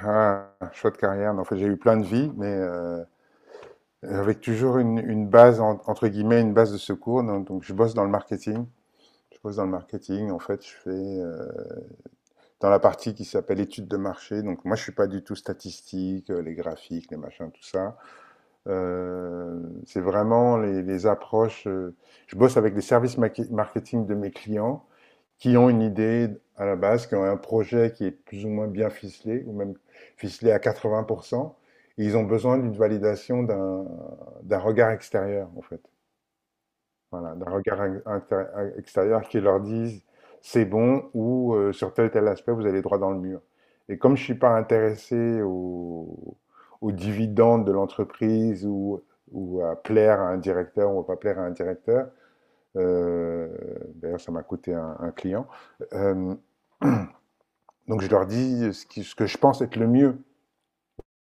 Ah, choix de carrière. Non, en fait, j'ai eu plein de vies, mais avec toujours une base, entre guillemets, une base de secours. Donc, je bosse dans le marketing. Je bosse dans le marketing. En fait, je fais dans la partie qui s'appelle études de marché. Donc, moi, je suis pas du tout statistique, les graphiques, les machins, tout ça. C'est vraiment les approches. Je bosse avec les services marketing de mes clients qui ont une idée à la base, qui ont un projet qui est plus ou moins bien ficelé, ou même ficelé à 80%. Et ils ont besoin d'une validation d'un regard extérieur, en fait. Voilà, d'un regard inter- extérieur qui leur dise c'est bon ou sur tel aspect, vous allez droit dans le mur. Et comme je suis pas intéressé aux dividendes de l'entreprise ou à plaire à un directeur ou à pas plaire à un directeur, euh, d'ailleurs ça m'a coûté un client, euh, donc je leur dis ce que je pense être le mieux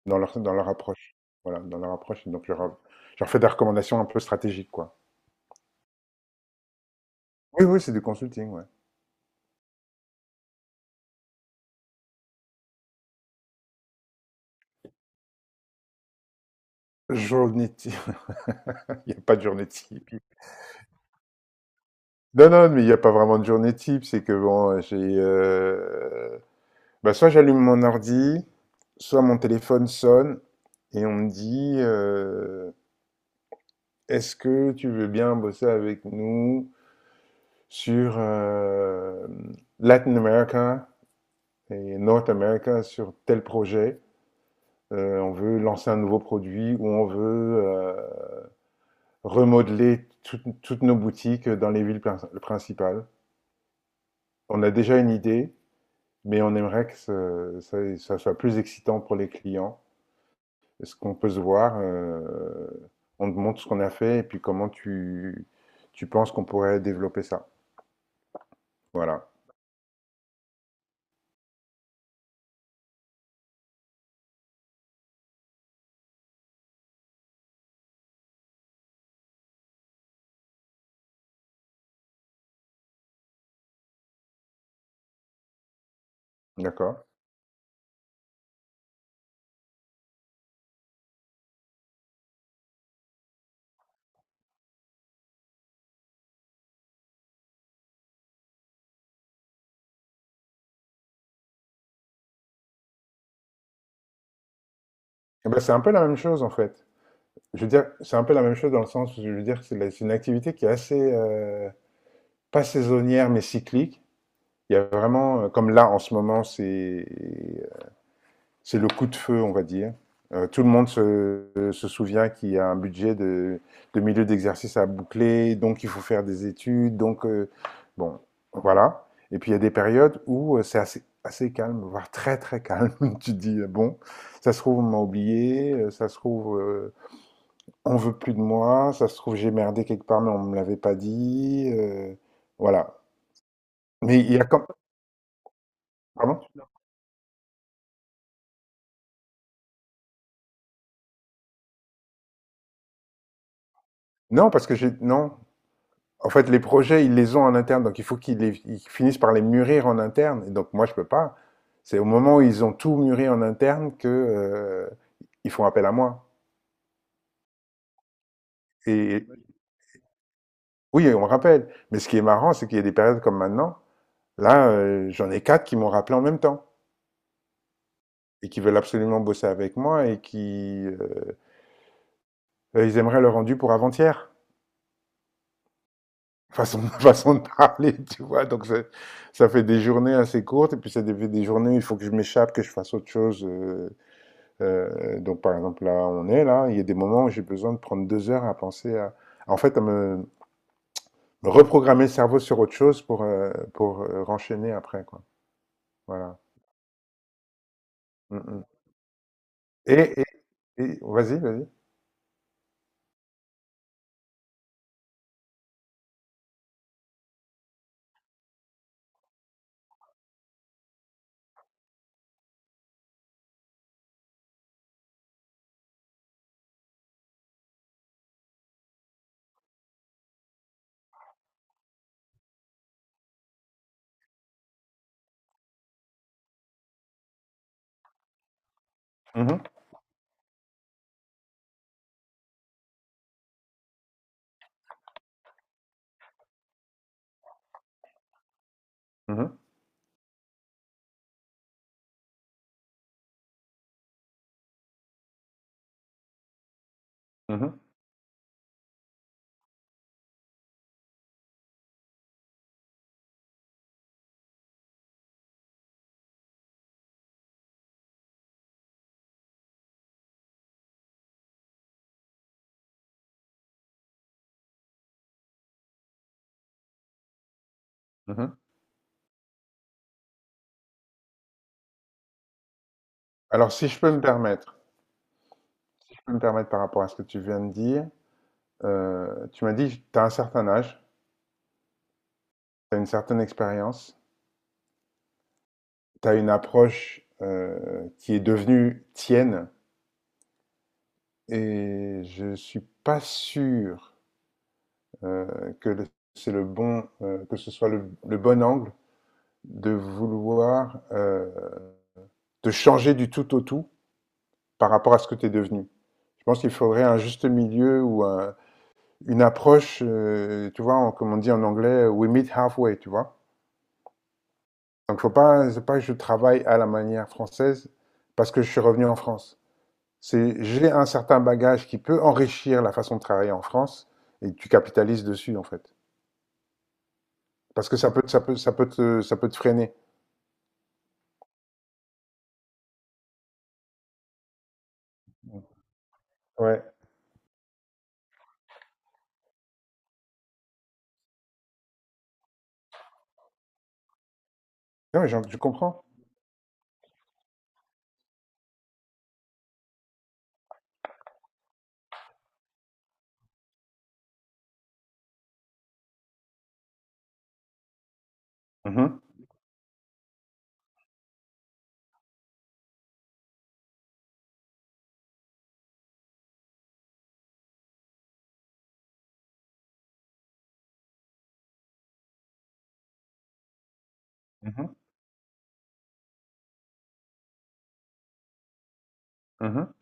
dans leur approche. Voilà, dans leur approche. Je leur fais des recommandations un peu stratégiques, quoi. Oui, oui, c'est du consulting, ouais. Journée type. Il n'y a pas de journée type. Non, non, mais il n'y a pas vraiment de journée type. C'est que bon, j'ai. Bah, soit j'allume mon ordi, soit mon téléphone sonne et on me dit est-ce que tu veux bien bosser avec nous sur Latin America et North America sur tel projet. On veut lancer un nouveau produit ou on veut remodeler toutes nos boutiques dans les villes principales. On a déjà une idée, mais on aimerait que ça, ça soit plus excitant pour les clients. Est-ce qu'on peut se voir on te montre ce qu'on a fait et puis comment tu, tu penses qu'on pourrait développer ça. Voilà, d'accord. Eh ben, c'est un peu la même chose en fait. Je veux dire, c'est un peu la même chose dans le sens où je veux dire que c'est c'est une activité qui est assez pas saisonnière, mais cyclique. Il y a vraiment, comme là en ce moment, c'est le coup de feu, on va dire. Tout le monde se souvient qu'il y a un budget de milieu d'exercice à boucler, donc il faut faire des études, donc bon, voilà. Et puis il y a des périodes où c'est assez, assez calme, voire très très calme. Tu te dis, bon, ça se trouve, on m'a oublié, ça se trouve, on veut plus de moi, ça se trouve, j'ai merdé quelque part, mais on me l'avait pas dit. Voilà. Mais il y a quand, Pardon? Non, parce que j'ai non. En fait, les projets, ils les ont en interne, donc il faut qu'ils ils finissent par les mûrir en interne. Et donc moi, je peux pas. C'est au moment où ils ont tout mûri en interne que ils font appel à moi. Et oui, on me rappelle. Mais ce qui est marrant, c'est qu'il y a des périodes comme maintenant. Là, j'en ai 4 qui m'ont rappelé en même temps et qui veulent absolument bosser avec moi et qui ils aimeraient le rendu pour avant-hier. Façon, façon de parler, tu vois. Donc, ça fait des journées assez courtes, et puis ça fait des journées où il faut que je m'échappe, que je fasse autre chose. Donc, par exemple, là, on est là, il y a des moments où j'ai besoin de prendre 2 heures à penser à, en fait, me reprogrammer le cerveau sur autre chose pour renchaîner après, quoi. Voilà. Mm, mm. Et, et, vas-y, vas-y. Mhm, mhm, mhm, mhm. Alors, si je peux me permettre, si je peux me permettre par rapport à ce que tu viens de dire, tu m'as dit, tu as un certain âge, tu as une certaine expérience. Tu as une approche qui est devenue tienne et je suis pas sûr euh, que le- c'est le bon, que ce soit le bon angle de vouloir te changer du tout au tout par rapport à ce que tu es devenu. Je pense qu'il faudrait un juste milieu ou une approche, tu vois, comme on dit en anglais, we meet halfway, tu vois. Donc faut pas, c'est pas que je travaille à la manière française parce que je suis revenu en France. C'est j'ai un certain bagage qui peut enrichir la façon de travailler en France et tu capitalises dessus en fait. Parce que ça peut, ça peut, ça peut te freiner. Ouais. Non, mais je comprends. Mhm, mhm, mhm,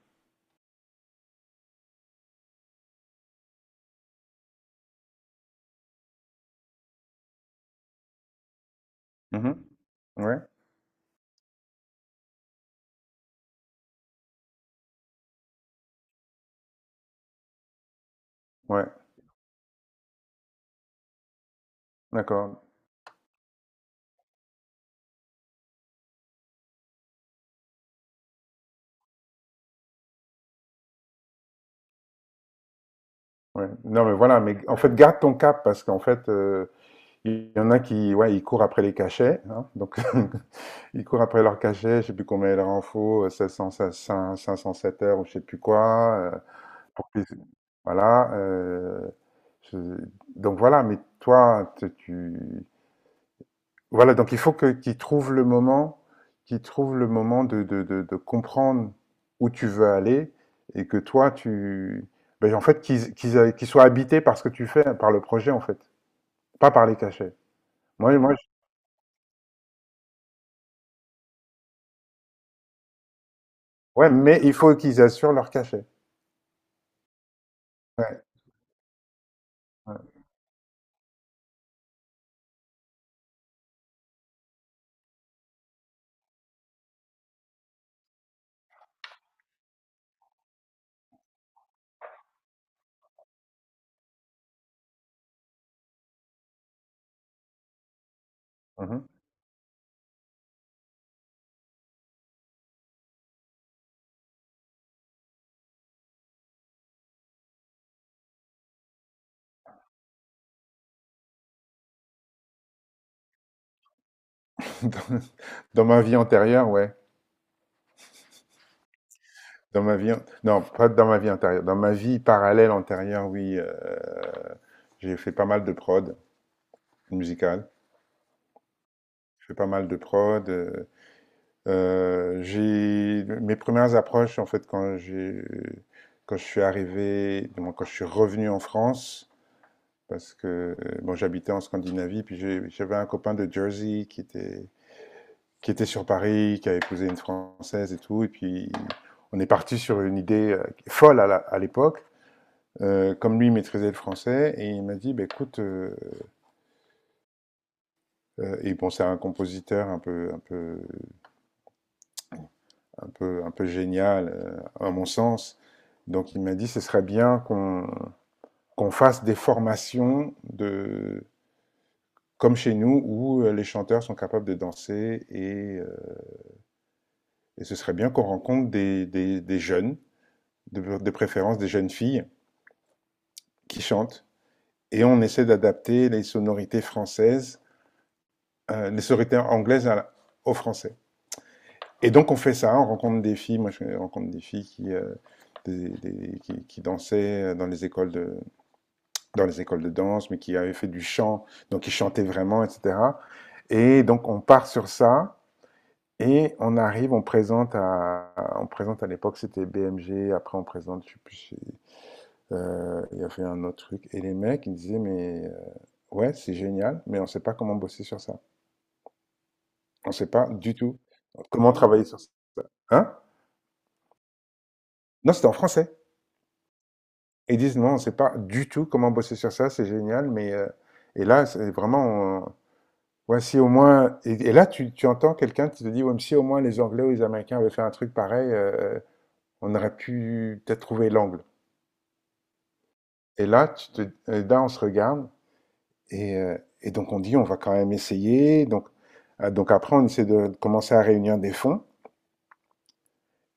mhm. Ouais, ouais, d'accord. Ouais. Non, mais voilà, mais en fait, garde ton cap parce qu'en fait, il y en a qui, ouais, ils courent après les cachets. Hein, donc, ils courent après leurs cachets, je sais plus combien il leur en faut, 700, cinq 500, 7 heures ou je sais plus quoi. Pour que- voilà. Je- donc voilà, mais toi, voilà. Donc il faut que qu'ils trouvent le moment, qu'ils trouvent le moment de comprendre où tu veux aller et que toi, tu, ben, en fait, qu'ils qu'ils soient habités par ce que tu fais, par le projet en fait, pas par les cachets. Moi, moi, ouais, mais il faut qu'ils assurent leur cachet. Ouais. Ouais, mhm. Dans, dans ma vie antérieure, ouais. Dans ma vie, non, pas dans ma vie antérieure. Dans ma vie parallèle antérieure, oui. J'ai fait pas mal de prod musicale. J'ai fait pas mal de prod. J'ai mes premières approches en fait quand je suis arrivé, du moins, quand je suis revenu en France, parce que bon, j'habitais en Scandinavie, puis j'avais un copain de Jersey qui était sur Paris, qui a épousé une Française et tout, et puis on est parti sur une idée folle à à l'époque. Comme lui maîtrisait le français, et il m'a dit, bah, écoute, et bon, c'est un compositeur un peu génial, à mon sens. Donc il m'a dit, ce serait bien qu'on fasse des formations de, comme chez nous, où les chanteurs sont capables de danser, et ce serait bien qu'on rencontre des jeunes, de préférence des jeunes filles, qui chantent. Et on essaie d'adapter les sonorités françaises, les sonorités anglaises à aux français. Et donc on fait ça, on rencontre des filles, moi je rencontre des filles qui... qui dansaient dans les écoles de, dans les écoles de danse, mais qui avait fait du chant, donc qui chantait vraiment, etc. Et donc on part sur ça et on arrive, on présente à l'époque c'était BMG, après on présente, je sais plus, si, il y avait un autre truc. Et les mecs ils disaient mais ouais c'est génial, mais on sait pas comment bosser sur ça. On sait pas du tout comment travailler sur ça. Hein? Non c'était en français. Ils disent non on sait pas du tout comment bosser sur ça, c'est génial, mais et là c'est vraiment ouais, si au moins. Et là, tu entends quelqu'un qui te dit, ouais, mais si au moins les Anglais ou les Américains avaient fait un truc pareil, on aurait pu peut-être trouver l'angle. Et là, tu te, et là, on se regarde et, euh, et donc on dit, on va quand même essayer. Donc après, on essaie de commencer à réunir des fonds.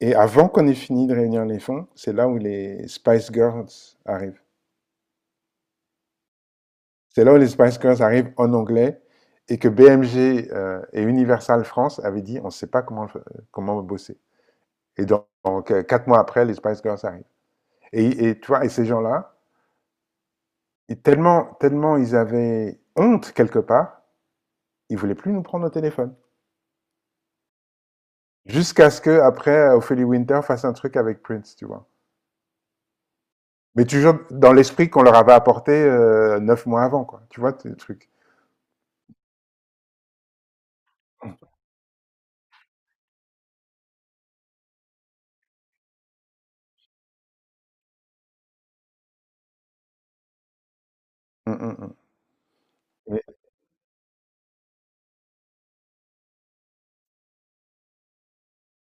Et avant qu'on ait fini de réunir les fonds, c'est là où les Spice Girls arrivent. C'est là où les Spice Girls arrivent en anglais et que BMG et Universal France avaient dit, on ne sait pas comment, comment bosser. Et donc, 4 mois après, les Spice Girls arrivent. Et tu vois, et ces gens-là, tellement, tellement ils avaient honte quelque part, ils voulaient plus nous prendre au téléphone. Jusqu'à ce que après, Ophélie Winter fasse un truc avec Prince, tu vois. Mais toujours dans l'esprit qu'on leur avait apporté 9 mois avant, quoi. Tu vois, ce truc. Hum, hum, hum.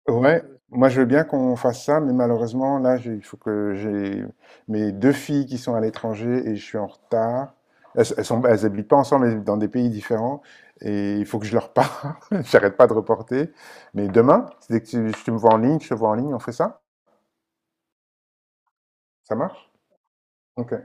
Ouais, moi je veux bien qu'on fasse ça, mais malheureusement, là, il faut que j'ai mes 2 filles qui sont à l'étranger et je suis en retard. Elles habitent pas ensemble, mais dans des pays différents. Et il faut que je leur parle. J'arrête pas de reporter. Mais demain, dès que tu me vois en ligne, je te vois en ligne, on fait ça? Ça marche? Ok.